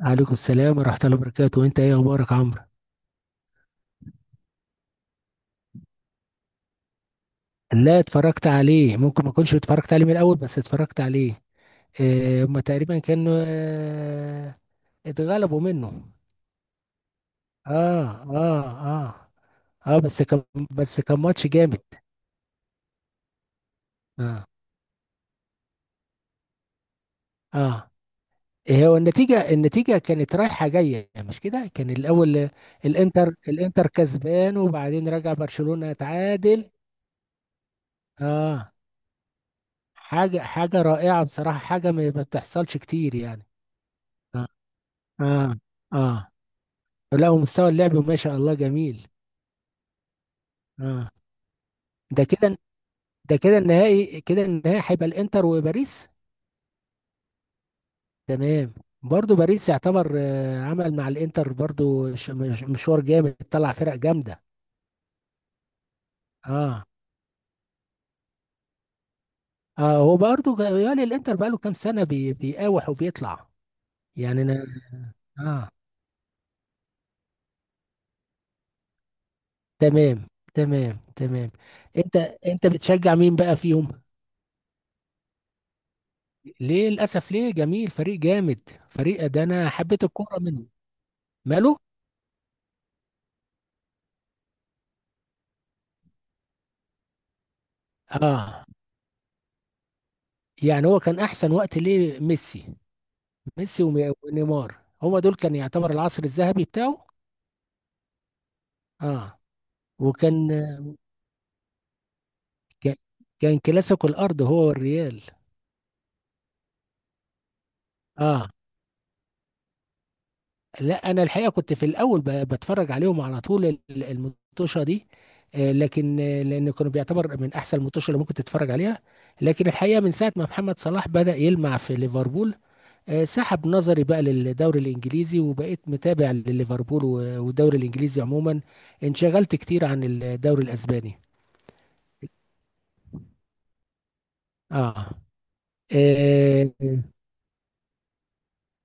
عليكم السلام ورحمة الله وبركاته، وانت ايه اخبارك عمرو؟ لا اتفرجت عليه، ممكن ما اكونش اتفرجت عليه من الاول بس اتفرجت عليه. اه هما تقريبا كانوا اتغلبوا منه. اه اه اه اه بس كان، بس كان ماتش جامد. اه اه إيه هو النتيجة؟ النتيجة كانت رايحة جاية مش كده، كان الاول آه، الانتر الانتر كسبان وبعدين رجع برشلونة تعادل. اه حاجة رائعة بصراحة، حاجة ما بتحصلش كتير يعني. آه. اه اه لا، ومستوى اللعب ما شاء الله جميل. اه ده كده، ده كده النهائي هيبقى الانتر وباريس. تمام. برضو باريس يعتبر آه، عمل مع الانتر برضو مشوار جامد، طلع فرق جامده. اه اه هو برضو يالي الانتر بقاله كام سنه بيقاوح وبيطلع. يعني انا، اه تمام تمام تمام. انت انت بتشجع مين بقى فيهم؟ ليه للاسف؟ ليه، جميل فريق جامد، فريق ده انا حبيت الكوره منه. ماله؟ اه يعني هو كان احسن وقت ليه ميسي. ميسي ونيمار، هما دول كان يعتبر العصر الذهبي بتاعه. اه وكان، كان كان كلاسيكو الارض هو والريال. اه لا انا الحقيقه كنت في الاول بتفرج عليهم على طول المطوشه دي، آه، لكن آه، لان كانوا بيعتبر من احسن المطوشه اللي ممكن تتفرج عليها. لكن الحقيقه من ساعه ما محمد صلاح بدأ يلمع في ليفربول، آه، سحب نظري بقى للدوري الانجليزي وبقيت متابع لليفربول والدوري الانجليزي عموما. انشغلت كتير عن الدوري الاسباني. اه اه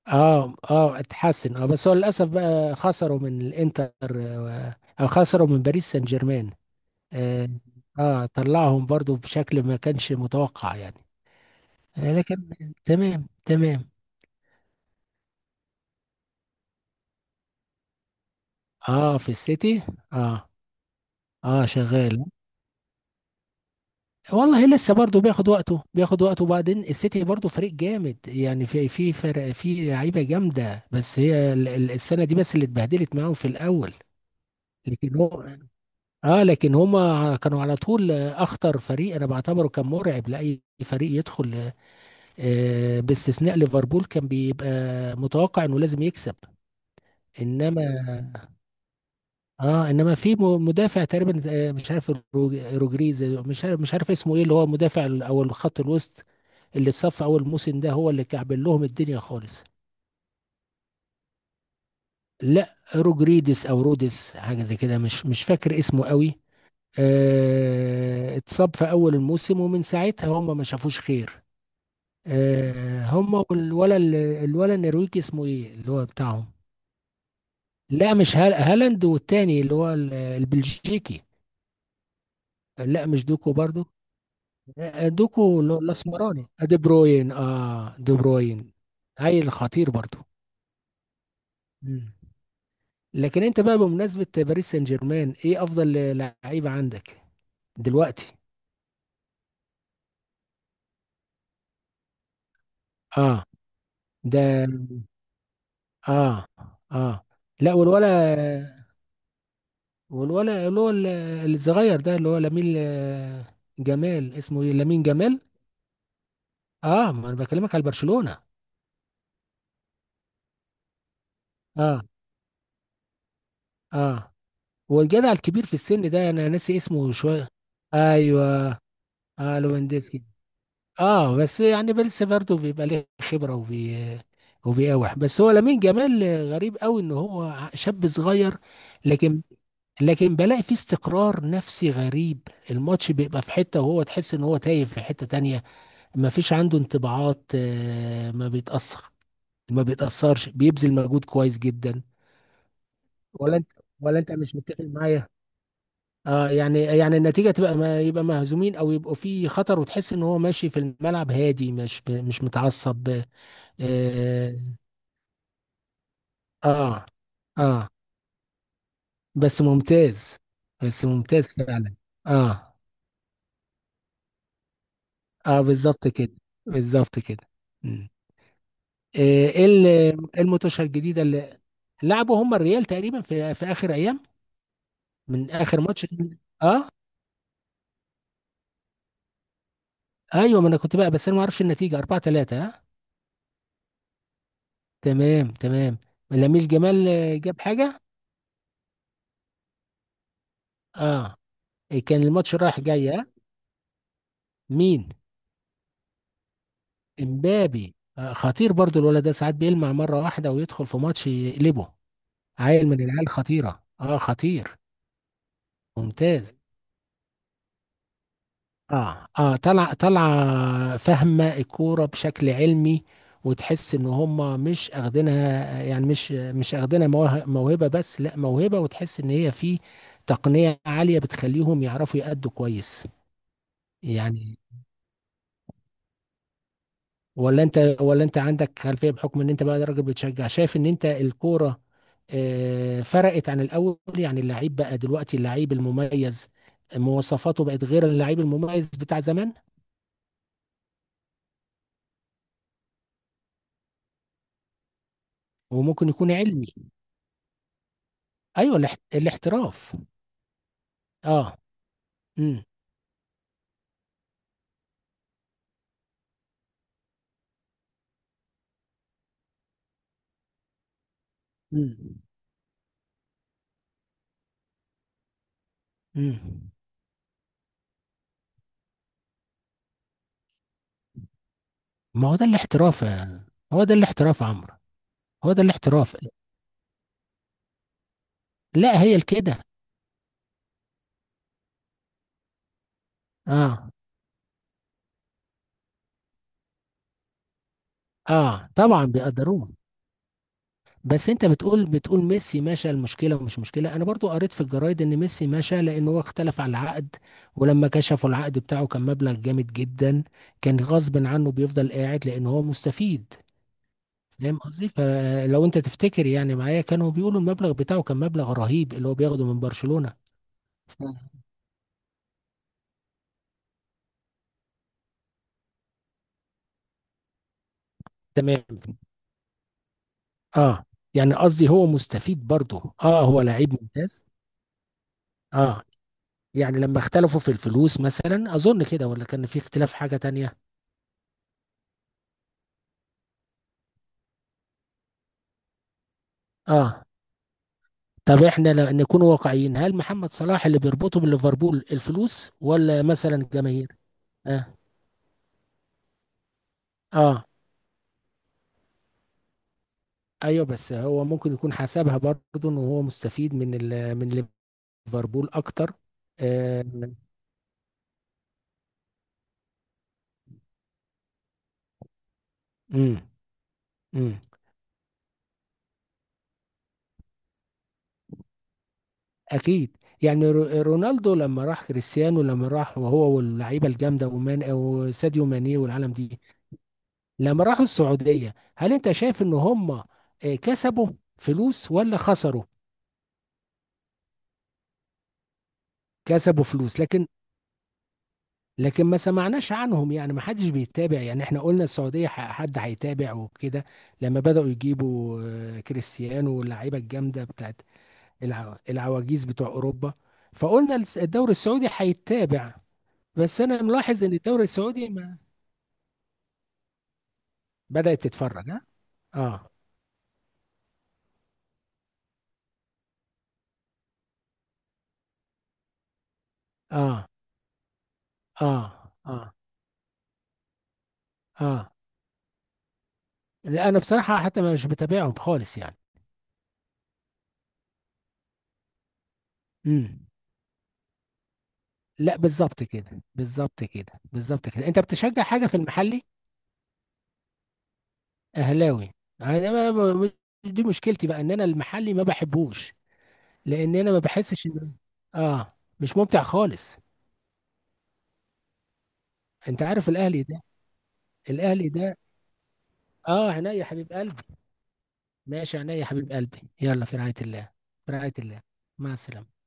اه, آه اتحسن، بس هو للاسف بقى خسروا من الانتر آه، او خسروا من باريس سان جيرمان. اه, آه طلعهم برضو بشكل ما كانش متوقع يعني. آه لكن، تمام تمام. اه في السيتي. اه اه شغال. والله لسه برضه بياخد وقته، بياخد وقته. وبعدين السيتي برضه فريق جامد يعني، في فرق في لعيبه جامده، بس هي السنه دي بس اللي اتبهدلت معاهم في الاول. لكن هو، اه لكن هما كانوا على طول آه، اخطر فريق انا بعتبره، كان مرعب لاي فريق يدخل، آه، باستثناء ليفربول كان بيبقى متوقع انه لازم يكسب. انما، اه انما في مدافع تقريبا آه، مش عارف روجريز، مش عارف، مش عارف اسمه ايه، اللي هو مدافع او الخط الوسط، اللي اتصف اول موسم ده هو اللي كعبل لهم الدنيا خالص. لا روجريدس او رودس، حاجه زي كده، مش فاكر اسمه قوي. آه اتصاب في اول الموسم، ومن ساعتها هم ما شافوش خير. آه هم والولا الولا النرويجي اسمه ايه اللي هو بتاعهم؟ لا مش هالاند، والتاني اللي هو البلجيكي. لا مش دوكو برضو. آه، دوكو الاسمراني آه، دي بروين، دي بروين. هاي خطير برضو. مم. لكن انت بقى بمناسبة باريس سان جيرمان، ايه افضل لعيبة عندك دلوقتي؟ اه ده، اه اه لا والولا، والولا اللي هو ال- الصغير ده اللي هو لامين آه، جمال، اسمه ايه، لامين جمال. اه ما انا بكلمك على برشلونة. اه اه والجدع الكبير في السن ده انا ناسي اسمه شوية. ايوه، اه لوفاندوسكي. اه بس يعني بيلس برضه بيبقى ليه خبره وبي وبيقاوح، بس هو لامين جمال غريب قوي ان هو شاب صغير. لكن، لكن بلاقي فيه استقرار نفسي غريب، الماتش بيبقى في حته وهو تحس ان هو تايه في حته تانية. ما فيش عنده انطباعات آه، ما بيتاثر، ما بيتاثرش، بيبذل مجهود كويس جدا. ولا انت، ولا انت مش متفق معايا؟ اه يعني النتيجه تبقى، ما يبقى مهزومين او يبقوا في خطر، وتحس ان هو ماشي في الملعب هادي، مش متعصب. اه اه آه. بس ممتاز، بس ممتاز فعلا. اه اه بالظبط كده، بالظبط كده. مم. آه، إيه الماتشات الجديده اللي لعبوا هم الريال تقريبا في اخر ايام، من اخر ماتش؟ اه ايوه، ما انا كنت بقى، بس انا ما اعرفش النتيجه. 4-3 اه. تمام تمام. لامين جمال آه، جاب حاجه. اه إيه، كان الماتش رايح جاي اه. مين؟ امبابي آه، خطير برضو الولد ده، ساعات بيلمع مرة واحدة ويدخل في ماتش يقلبه. عيل من العيال خطيرة، اه خطير. ممتاز. اه طلع، طلع فاهمة الكورة بشكل علمي، وتحس ان هم مش اخدينها يعني، مش مش اخدينها موهبة بس، لا موهبة وتحس ان هي في تقنية عالية بتخليهم يعرفوا يأدوا كويس يعني. ولا انت، ولا انت عندك خلفيه بحكم ان انت بقى راجل بتشجع، شايف ان انت الكوره آه، فرقت عن الاول يعني؟ اللعيب بقى دلوقتي، اللعيب المميز مواصفاته بقت غير اللعيب المميز بتاع زمان. وممكن يكون علمي. ايوه الاحتراف. اه امم امم امم ما هو ده الاحتراف هو ده الاحتراف يا عمرو، هو ده الاحتراف. لا هي الكده. اه اه طبعا بيقدروه. بس انت بتقول، بتقول ميسي مشى المشكله ومش مشكله، انا برضو قريت في الجرايد ان ميسي مشى لان هو اختلف على العقد، ولما كشفوا العقد بتاعه كان مبلغ جامد جدا، كان غصب عنه بيفضل قاعد لان هو مستفيد. فاهم قصدي؟ فلو انت تفتكر يعني معايا، كانوا بيقولوا المبلغ بتاعه كان مبلغ رهيب اللي هو بياخده من برشلونه. ف- تمام. اه يعني قصدي هو مستفيد برضه، اه هو لعيب ممتاز. اه يعني لما اختلفوا في الفلوس مثلا، اظن كده، ولا كان في اختلاف حاجه تانية؟ اه طب احنا لو نكون واقعيين، هل محمد صلاح اللي بيربطه بليفربول الفلوس ولا مثلا الجماهير؟ اه اه ايوه، بس هو ممكن يكون حسبها برضه ان هو مستفيد من ال من ليفربول اكتر. آه. امم امم اكيد. يعني رونالدو لما راح، كريستيانو لما راح، وهو واللعيبه الجامده ومان او ساديو ماني والعالم دي، لما راحوا السعوديه، هل انت شايف ان هم آه، كسبوا فلوس ولا خسروا؟ كسبوا فلوس، لكن، لكن ما سمعناش عنهم يعني، ما حدش بيتابع يعني. احنا قلنا السعودية، حد هيتابع وكده، لما بدأوا يجيبوا آه، كريستيانو واللعيبة الجامدة بتاعت العواجيز بتوع أوروبا، فقلنا الدوري السعودي هيتابع. بس أنا ملاحظ إن الدوري السعودي ما بدأت تتفرج ها. اه اه اه اه اه لا أنا بصراحة حتى مش بتابعهم خالص يعني. امم. لا بالظبط كده بالظبط كده. أنت بتشجع حاجة في المحلي؟ اهلاوي. أنا دي مشكلتي بقى، ان انا المحلي ما بحبوش، لان انا ما بحسش ان، اه مش ممتع خالص. انت عارف الاهلي ده، الاهلي ده، اه عينيا يا حبيب قلبي. ماشي، عينيا يا حبيب قلبي، يلا في رعاية الله. في رعاية الله، مع السلامة.